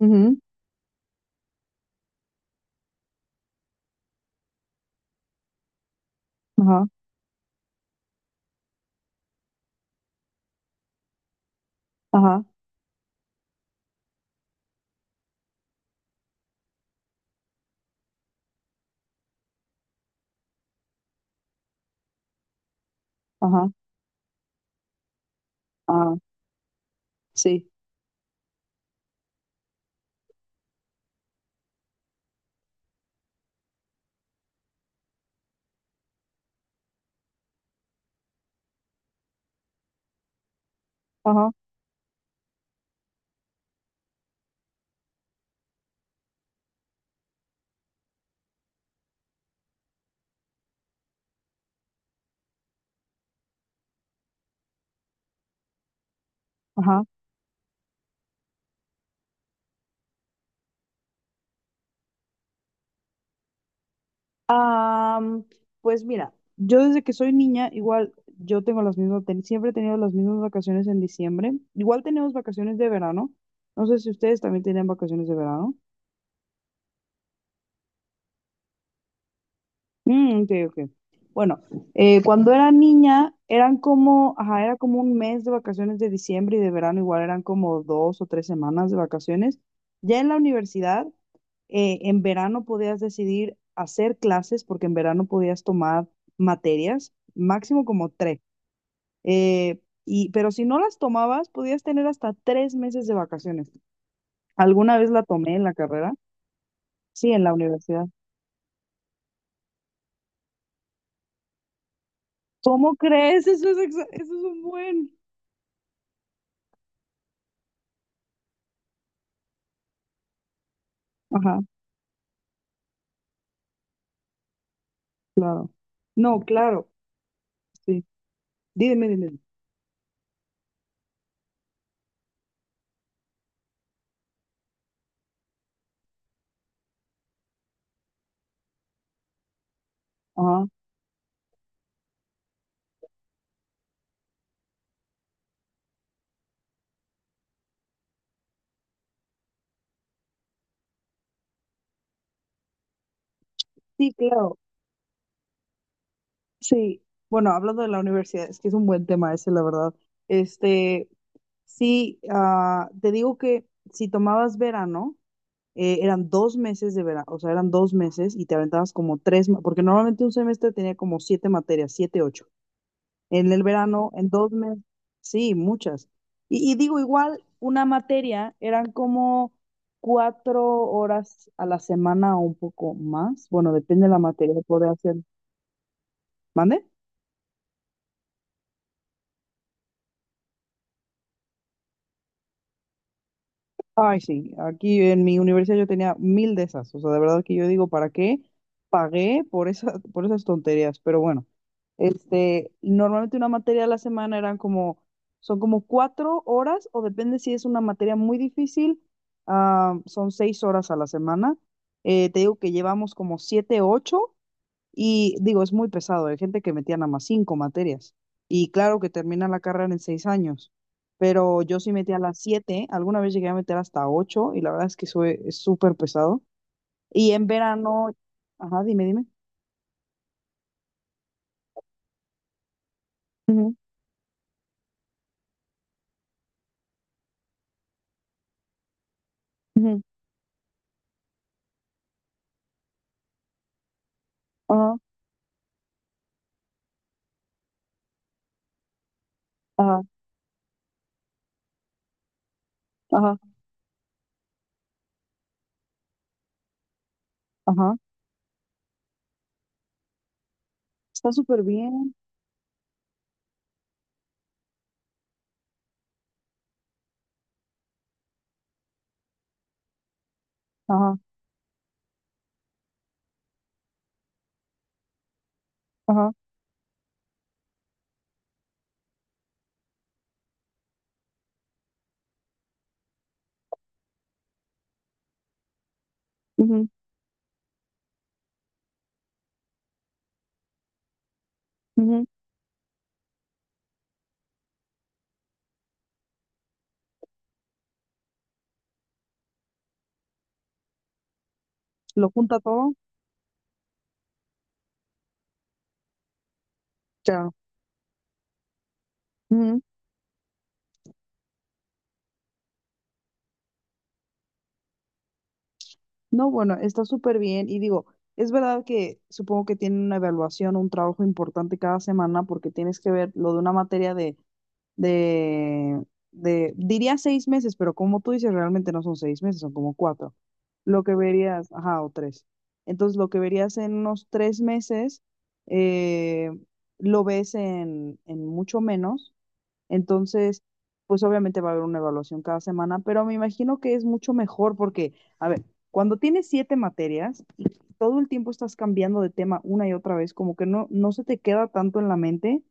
Ujú, ajá, ajá, ajá, ajá, sí, ajá, ajá. Am, pues mira, yo desde que soy niña, igual yo tengo las mismas, siempre he tenido las mismas vacaciones en diciembre. Igual tenemos vacaciones de verano. No sé si ustedes también tienen vacaciones de verano. Mm, ok, ok. Bueno, cuando era niña, eran como, ajá, era como un mes de vacaciones de diciembre y de verano, igual eran como 2 o 3 semanas de vacaciones. Ya en la universidad. En verano podías decidir hacer clases porque en verano podías tomar materias, máximo como tres. Y, pero si no las tomabas, podías tener hasta 3 meses de vacaciones. ¿Alguna vez la tomé en la carrera? Sí, en la universidad. ¿Cómo crees? Eso es, eso es un buen. Ajá, claro. No, claro, sí. Dime, dime, dime. Ajá. Sí, claro, sí. Bueno, hablando de la universidad, es que es un buen tema ese, la verdad. Este, Sí, ah, te digo que si tomabas verano, eran 2 meses de verano, o sea, eran 2 meses y te aventabas como tres, porque normalmente un semestre tenía como siete materias, siete, ocho. En el verano, en 2 meses, sí, muchas. Y digo, igual, una materia eran como 4 horas a la semana o un poco más. Bueno, depende de la materia, podría ser. ¿Mande? Ay, sí, aquí en mi universidad yo tenía mil de esas. O sea, de verdad que yo digo, ¿para qué pagué por esas tonterías? Pero bueno, normalmente una materia a la semana eran como, son como 4 horas, o depende si es una materia muy difícil, ah, son 6 horas a la semana. Te digo que llevamos como siete, ocho. Y digo, es muy pesado, hay gente que metía nada más cinco materias. Y claro que termina la carrera en 6 años, pero yo sí metía las siete, alguna vez llegué a meter hasta ocho y la verdad es que eso es súper pesado. Y en verano, ajá, dime, dime. Ujú, ujú, ajá, ajá, ajá, ajá. Está súper bien. Ajá, ajá, ujú, ujú. Lo junta todo. Claro. No, bueno, está súper bien. Y digo, es verdad que supongo que tienen una evaluación, un trabajo importante cada semana porque tienes que ver lo de una materia de, de diría 6 meses, pero como tú dices, realmente no son 6 meses, son como cuatro. Lo que verías, ajá, o tres. Entonces, lo que verías en unos 3 meses, eh, lo ves en mucho menos entonces, pues obviamente va a haber una evaluación cada semana, pero me imagino que es mucho mejor porque, a ver, cuando tienes siete materias y todo el tiempo estás cambiando de tema una y otra vez, como que no, no se te queda tanto en la mente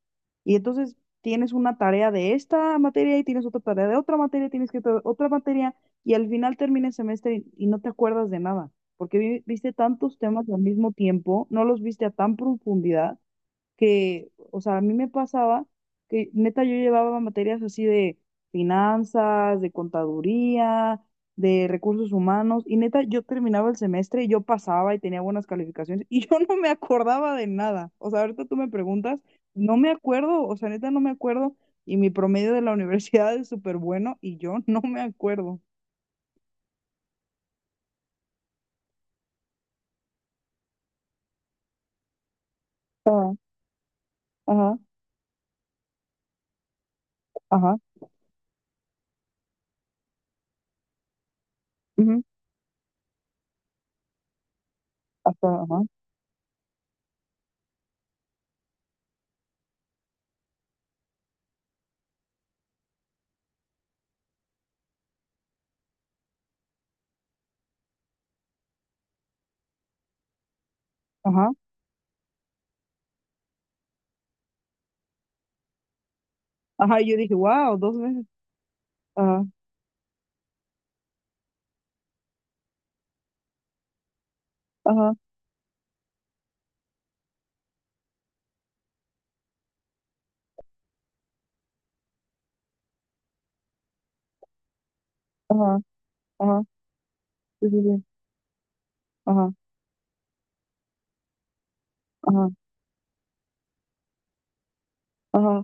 y entonces tienes una tarea de esta materia y tienes otra tarea de otra materia, tienes que otra materia y al final termina el semestre y no te acuerdas de nada, porque viste tantos temas al mismo tiempo, no los viste a tan profundidad que, o sea, a mí me pasaba que neta yo llevaba materias así de finanzas, de contaduría, de recursos humanos, y neta yo terminaba el semestre y yo pasaba y tenía buenas calificaciones y yo no me acordaba de nada. O sea, ahorita tú me preguntas, no me acuerdo, o sea, neta no me acuerdo, y mi promedio de la universidad es súper bueno y yo no me acuerdo. Ah, ajá, ajá, ujú, hasta, ajá, ajá, ajá, y yo dije, wow, dos veces, ajá, ajá, ajá, ajá, sí, sí, sí. Ajá, ajá, ajá,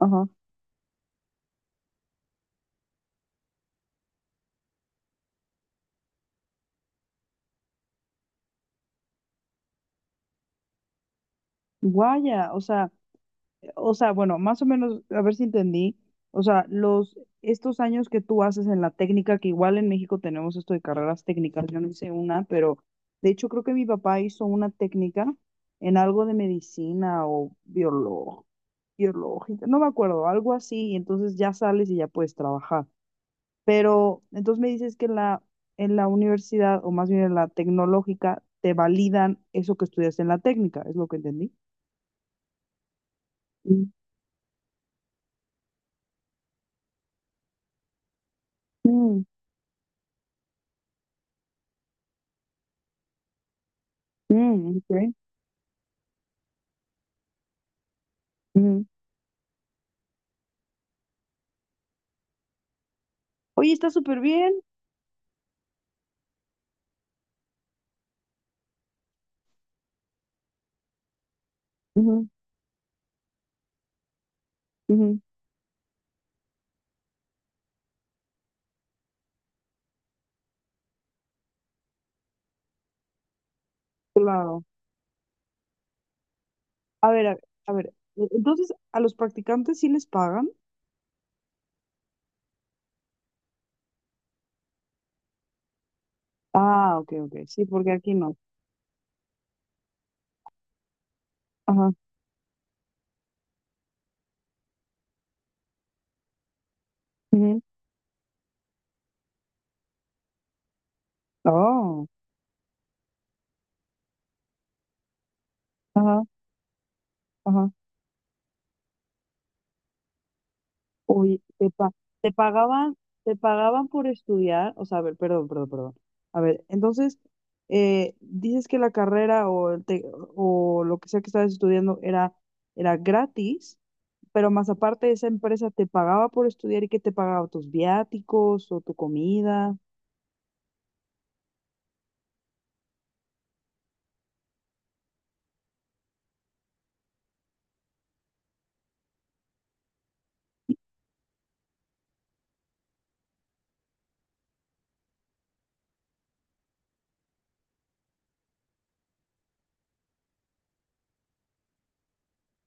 ajá. Guaya, o sea, bueno, más o menos, a ver si entendí. O sea, estos años que tú haces en la técnica, que igual en México tenemos esto de carreras técnicas, yo no hice una, pero de hecho creo que mi papá hizo una técnica en algo de medicina o biológica, no me acuerdo, algo así, y entonces ya sales y ya puedes trabajar. Pero entonces me dices que en la universidad, o más bien en la tecnológica, te validan eso que estudiaste en la técnica, es lo que entendí. Ujú, mm, mm, ok, ujú. Oye, está súper bien. Ujú, ujú, claro. A ver, a ver, a ver. Entonces, ¿a los practicantes sí les pagan? Ah, ok, ok. Sí, porque aquí no. Ajá, ujú. Oh, ajá, ajá. Uy, te pagaban, te pagaban por estudiar, o sea, a ver, perdón, perdón, perdón. A ver, entonces, dices que la carrera o, o lo que sea que estabas estudiando era, gratis, pero más aparte esa empresa te pagaba por estudiar y que te pagaba tus viáticos o tu comida.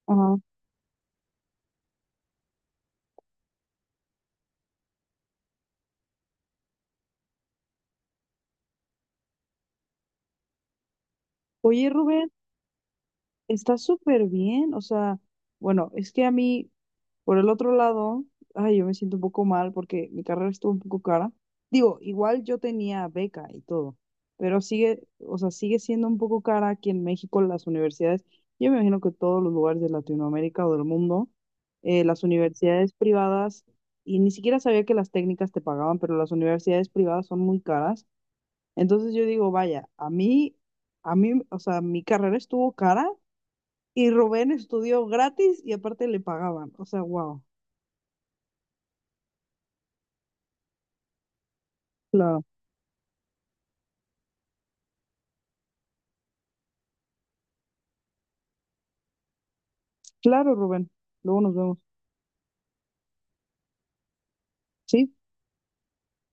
Ajá. Oye, Rubén. Está súper bien, o sea, bueno, es que a mí, por el otro lado, ay, yo me siento un poco mal porque mi carrera estuvo un poco cara. Digo, igual yo tenía beca y todo, pero sigue, o sea, sigue siendo un poco cara aquí en México las universidades. Yo me imagino que todos los lugares de Latinoamérica o del mundo, las universidades privadas, y ni siquiera sabía que las técnicas te pagaban, pero las universidades privadas son muy caras. Entonces yo digo, vaya, a mí, o sea, mi carrera estuvo cara y Rubén estudió gratis y aparte le pagaban. O sea, wow. Claro, claro, Rubén. Luego nos vemos. Sí.